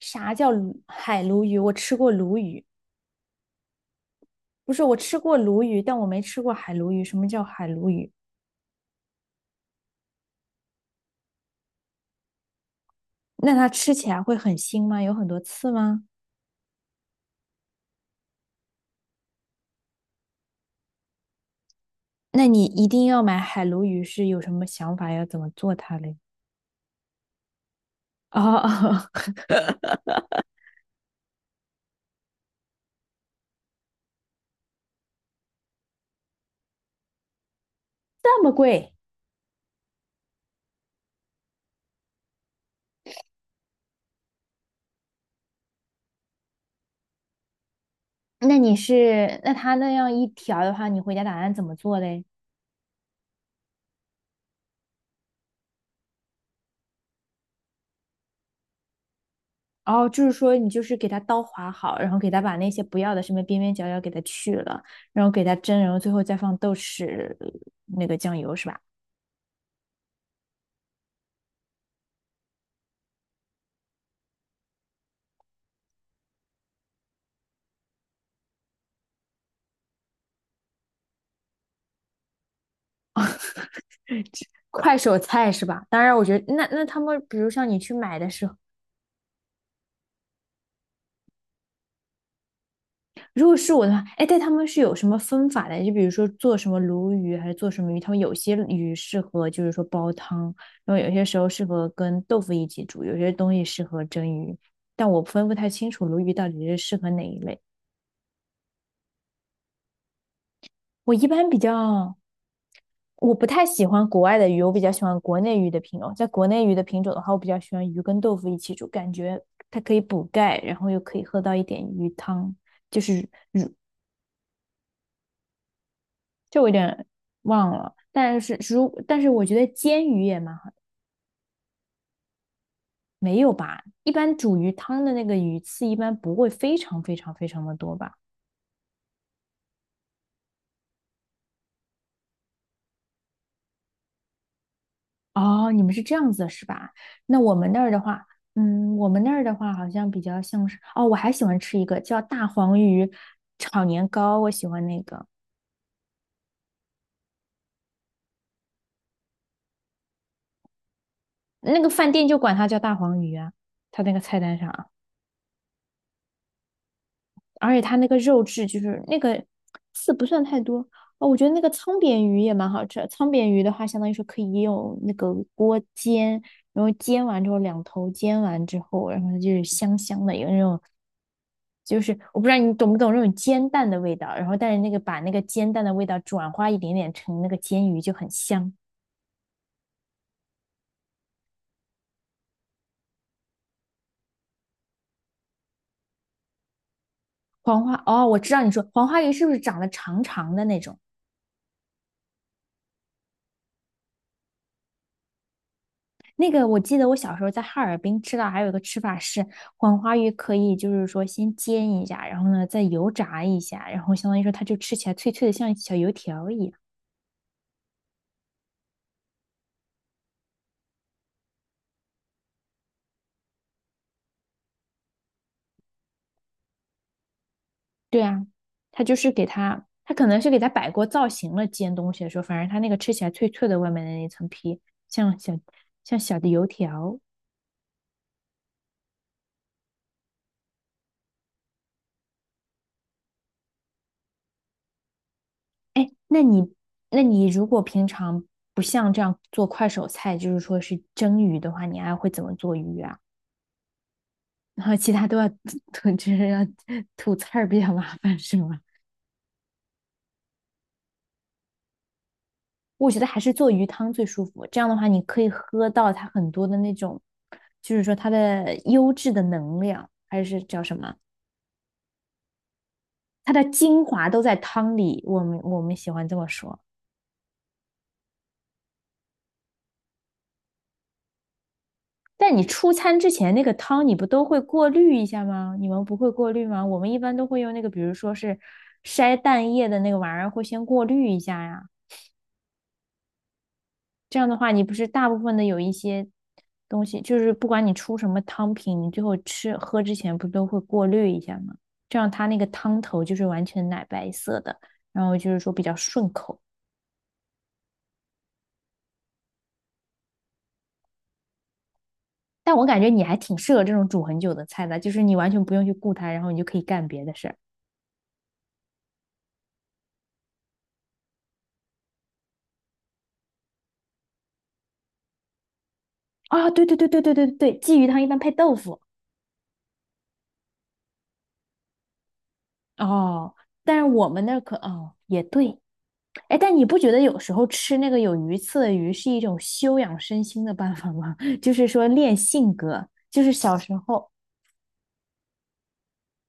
啥叫海鲈鱼？我吃过鲈鱼，但我没吃过海鲈鱼。什么叫海鲈鱼？那它吃起来会很腥吗？有很多刺吗？那你一定要买海鲈鱼，是有什么想法？要怎么做它嘞？哦，哦 这么贵？那你是，那它那样一条的话，你回家打算怎么做嘞？哦，就是说你就是给它刀划好，然后给它把那些不要的什么边边角角给它去了，然后给它蒸，然后最后再放豆豉那个酱油是吧？快手菜是吧？当然，我觉得那他们，比如像你去买的时候，如果是我的话，哎，但他们是有什么分法的？就比如说做什么鲈鱼还是做什么鱼，他们有些鱼适合就是说煲汤，然后有些时候适合跟豆腐一起煮，有些东西适合蒸鱼，但我分不太清楚鲈鱼到底是适合哪一类。我一般比较我不太喜欢国外的鱼，我比较喜欢国内鱼的品种。在国内鱼的品种的话，我比较喜欢鱼跟豆腐一起煮，感觉它可以补钙，然后又可以喝到一点鱼汤，就是这我有点忘了。但是我觉得煎鱼也蛮好，没有吧？一般煮鱼汤的那个鱼刺一般不会非常非常非常的多吧？哦，你们是这样子是吧？那我们那儿的话，嗯，我们那儿的话好像比较像是，哦，我还喜欢吃一个叫大黄鱼炒年糕，我喜欢那个，那个饭店就管它叫大黄鱼啊，它那个菜单上啊。而且它那个肉质就是那个刺不算太多哦，我觉得那个沧扁鱼也蛮好吃的。鲳扁鱼的话，相当于说可以用那个锅煎，然后煎完之后两头煎完之后，然后它就是香香的，有那种就是我不知道你懂不懂那种煎蛋的味道，然后但是那个把那个煎蛋的味道转化一点点成那个煎鱼就很香。黄花哦，我知道你说黄花鱼是不是长得长长的那种？那个我记得我小时候在哈尔滨吃到还有一个吃法是黄花鱼，可以就是说先煎一下，然后呢再油炸一下，然后相当于说它就吃起来脆脆的，像小油条一样。对啊，它就是给它，它可能是给它摆过造型了，煎东西的时候，反正它那个吃起来脆脆的，外面的那层皮像小像小的油条。哎，那你如果平常不像这样做快手菜，就是说是蒸鱼的话，你还会怎么做鱼啊？然后其他都要吐，就是要吐刺儿比较麻烦，是吗？我觉得还是做鱼汤最舒服。这样的话，你可以喝到它很多的那种，就是说它的优质的能量，还是叫什么？它的精华都在汤里。我们喜欢这么说。但你出餐之前那个汤，你不都会过滤一下吗？你们不会过滤吗？我们一般都会用那个，比如说是筛蛋液的那个玩意儿，会先过滤一下呀。这样的话，你不是大部分的有一些东西，就是不管你出什么汤品，你最后吃喝之前不都会过滤一下吗？这样它那个汤头就是完全奶白色的，然后就是说比较顺口。但我感觉你还挺适合这种煮很久的菜的，就是你完全不用去顾它，然后你就可以干别的事儿。啊，对对对对对对对，鲫鱼汤一般配豆腐哦，但是我们那儿也对，哎，但你不觉得有时候吃那个有鱼刺的鱼是一种修养身心的办法吗？就是说练性格，就是小时候。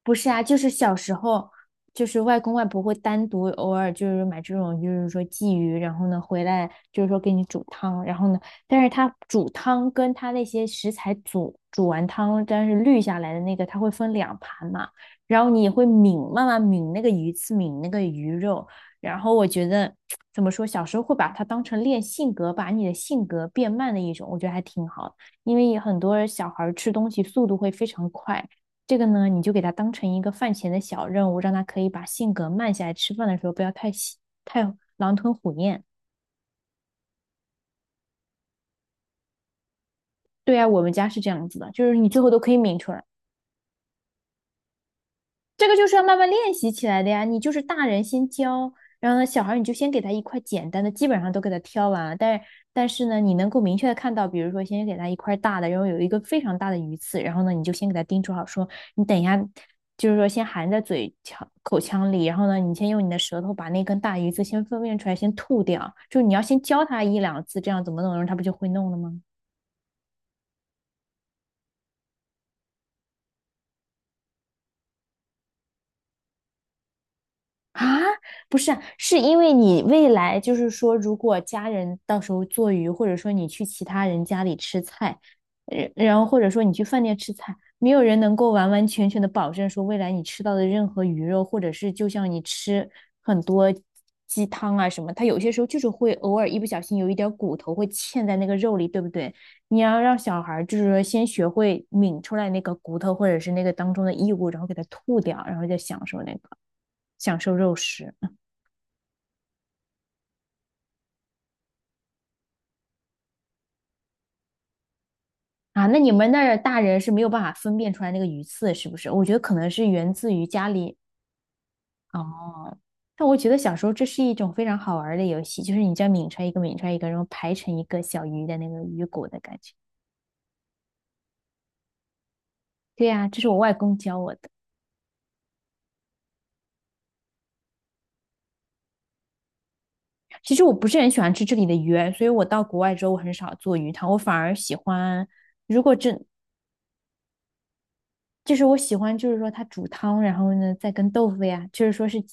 不是啊，就是小时候，就是外公外婆会单独偶尔就是买这种，就是说鲫鱼，然后呢回来就是说给你煮汤，然后呢，但是他煮汤跟他那些食材煮完汤，但是滤下来的那个，它会分两盘嘛，然后你也会抿，慢慢抿那个鱼刺，抿那个鱼肉，然后我觉得怎么说，小时候会把它当成练性格，把你的性格变慢的一种，我觉得还挺好的，因为很多小孩儿吃东西速度会非常快。这个呢，你就给他当成一个饭前的小任务，让他可以把性格慢下来，吃饭的时候不要太狼吞虎咽。对啊，我们家是这样子的，就是你最后都可以抿来。这个就是要慢慢练习起来的呀。你就是大人先教，然后呢，小孩你就先给他一块简单的，基本上都给他挑完。但是呢，你能够明确的看到，比如说先给他一块大的，然后有一个非常大的鱼刺，然后呢，你就先给他叮嘱好说，你等一下，就是说先含在嘴腔口腔里，然后呢，你先用你的舌头把那根大鱼刺先分辨出来，先吐掉。就你要先教他一两次，这样怎么弄，然后他不就会弄了吗？啊，不是啊是因为你未来就是说，如果家人到时候做鱼，或者说你去其他人家里吃菜，然后或者说你去饭店吃菜，没有人能够完完全全的保证说未来你吃到的任何鱼肉，或者是就像你吃很多鸡汤啊什么，它有些时候就是会偶尔一不小心有一点儿骨头会嵌在那个肉里，对不对？你要让小孩儿就是说先学会抿出来那个骨头或者是那个当中的异物，然后给它吐掉，然后再享受那个。享受肉食啊。那你们那儿大人是没有办法分辨出来那个鱼刺，是不是？我觉得可能是源自于家里哦。但我觉得小时候这是一种非常好玩儿的游戏，就是你这样抿出来一个，抿出来一个，然后排成一个小鱼的那个鱼骨的感觉。对呀、这是我外公教我的。其实我不是很喜欢吃这里的鱼，所以我到国外之后我很少做鱼汤，我反而喜欢，如果真就是我喜欢，就是说它煮汤，然后呢再跟豆腐呀，就是说是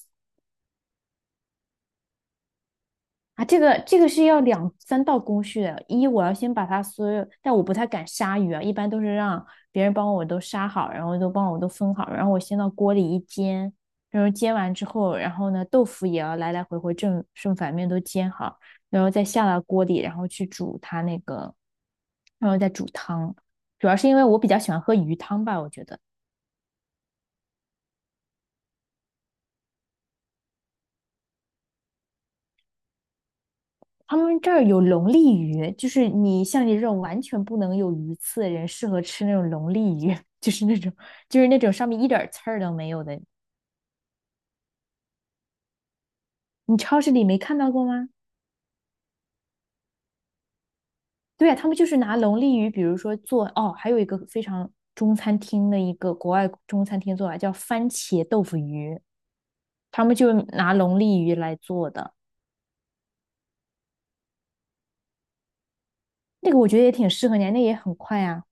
啊，这个是要两三道工序的。一，我要先把它所有，但我不太敢杀鱼啊，一般都是让别人帮我都杀好，然后都帮我都分好，然后我先到锅里一煎，然后煎完之后，然后呢，豆腐也要来来回回正正反面都煎好，然后再下到锅里，然后去煮它那个，然后再煮汤。主要是因为我比较喜欢喝鱼汤吧，我觉得。他们这儿有龙利鱼，就是你像你这种完全不能有鱼刺的人，适合吃那种龙利鱼，就是那种就是那种上面一点儿刺儿都没有的。你超市里没看到过吗？对啊，他们就是拿龙利鱼，比如说做哦，还有一个非常中餐厅的一个国外中餐厅做法叫番茄豆腐鱼，他们就拿龙利鱼来做的，那个我觉得也挺适合你啊，那也很快啊。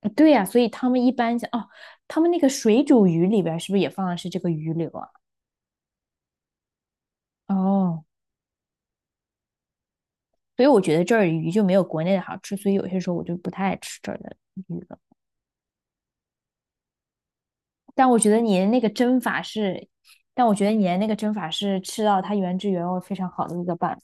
对呀，所以他们一般像哦，他们那个水煮鱼里边儿是不是也放的是这个鱼柳啊？哦，所以我觉得这儿鱼就没有国内的好吃，所以有些时候我就不太爱吃这儿的鱼了。但我觉得你的那个蒸法是，但我觉得你的那个蒸法是吃到它原汁原味非常好的一个办法，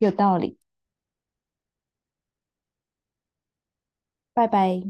有道理。拜拜。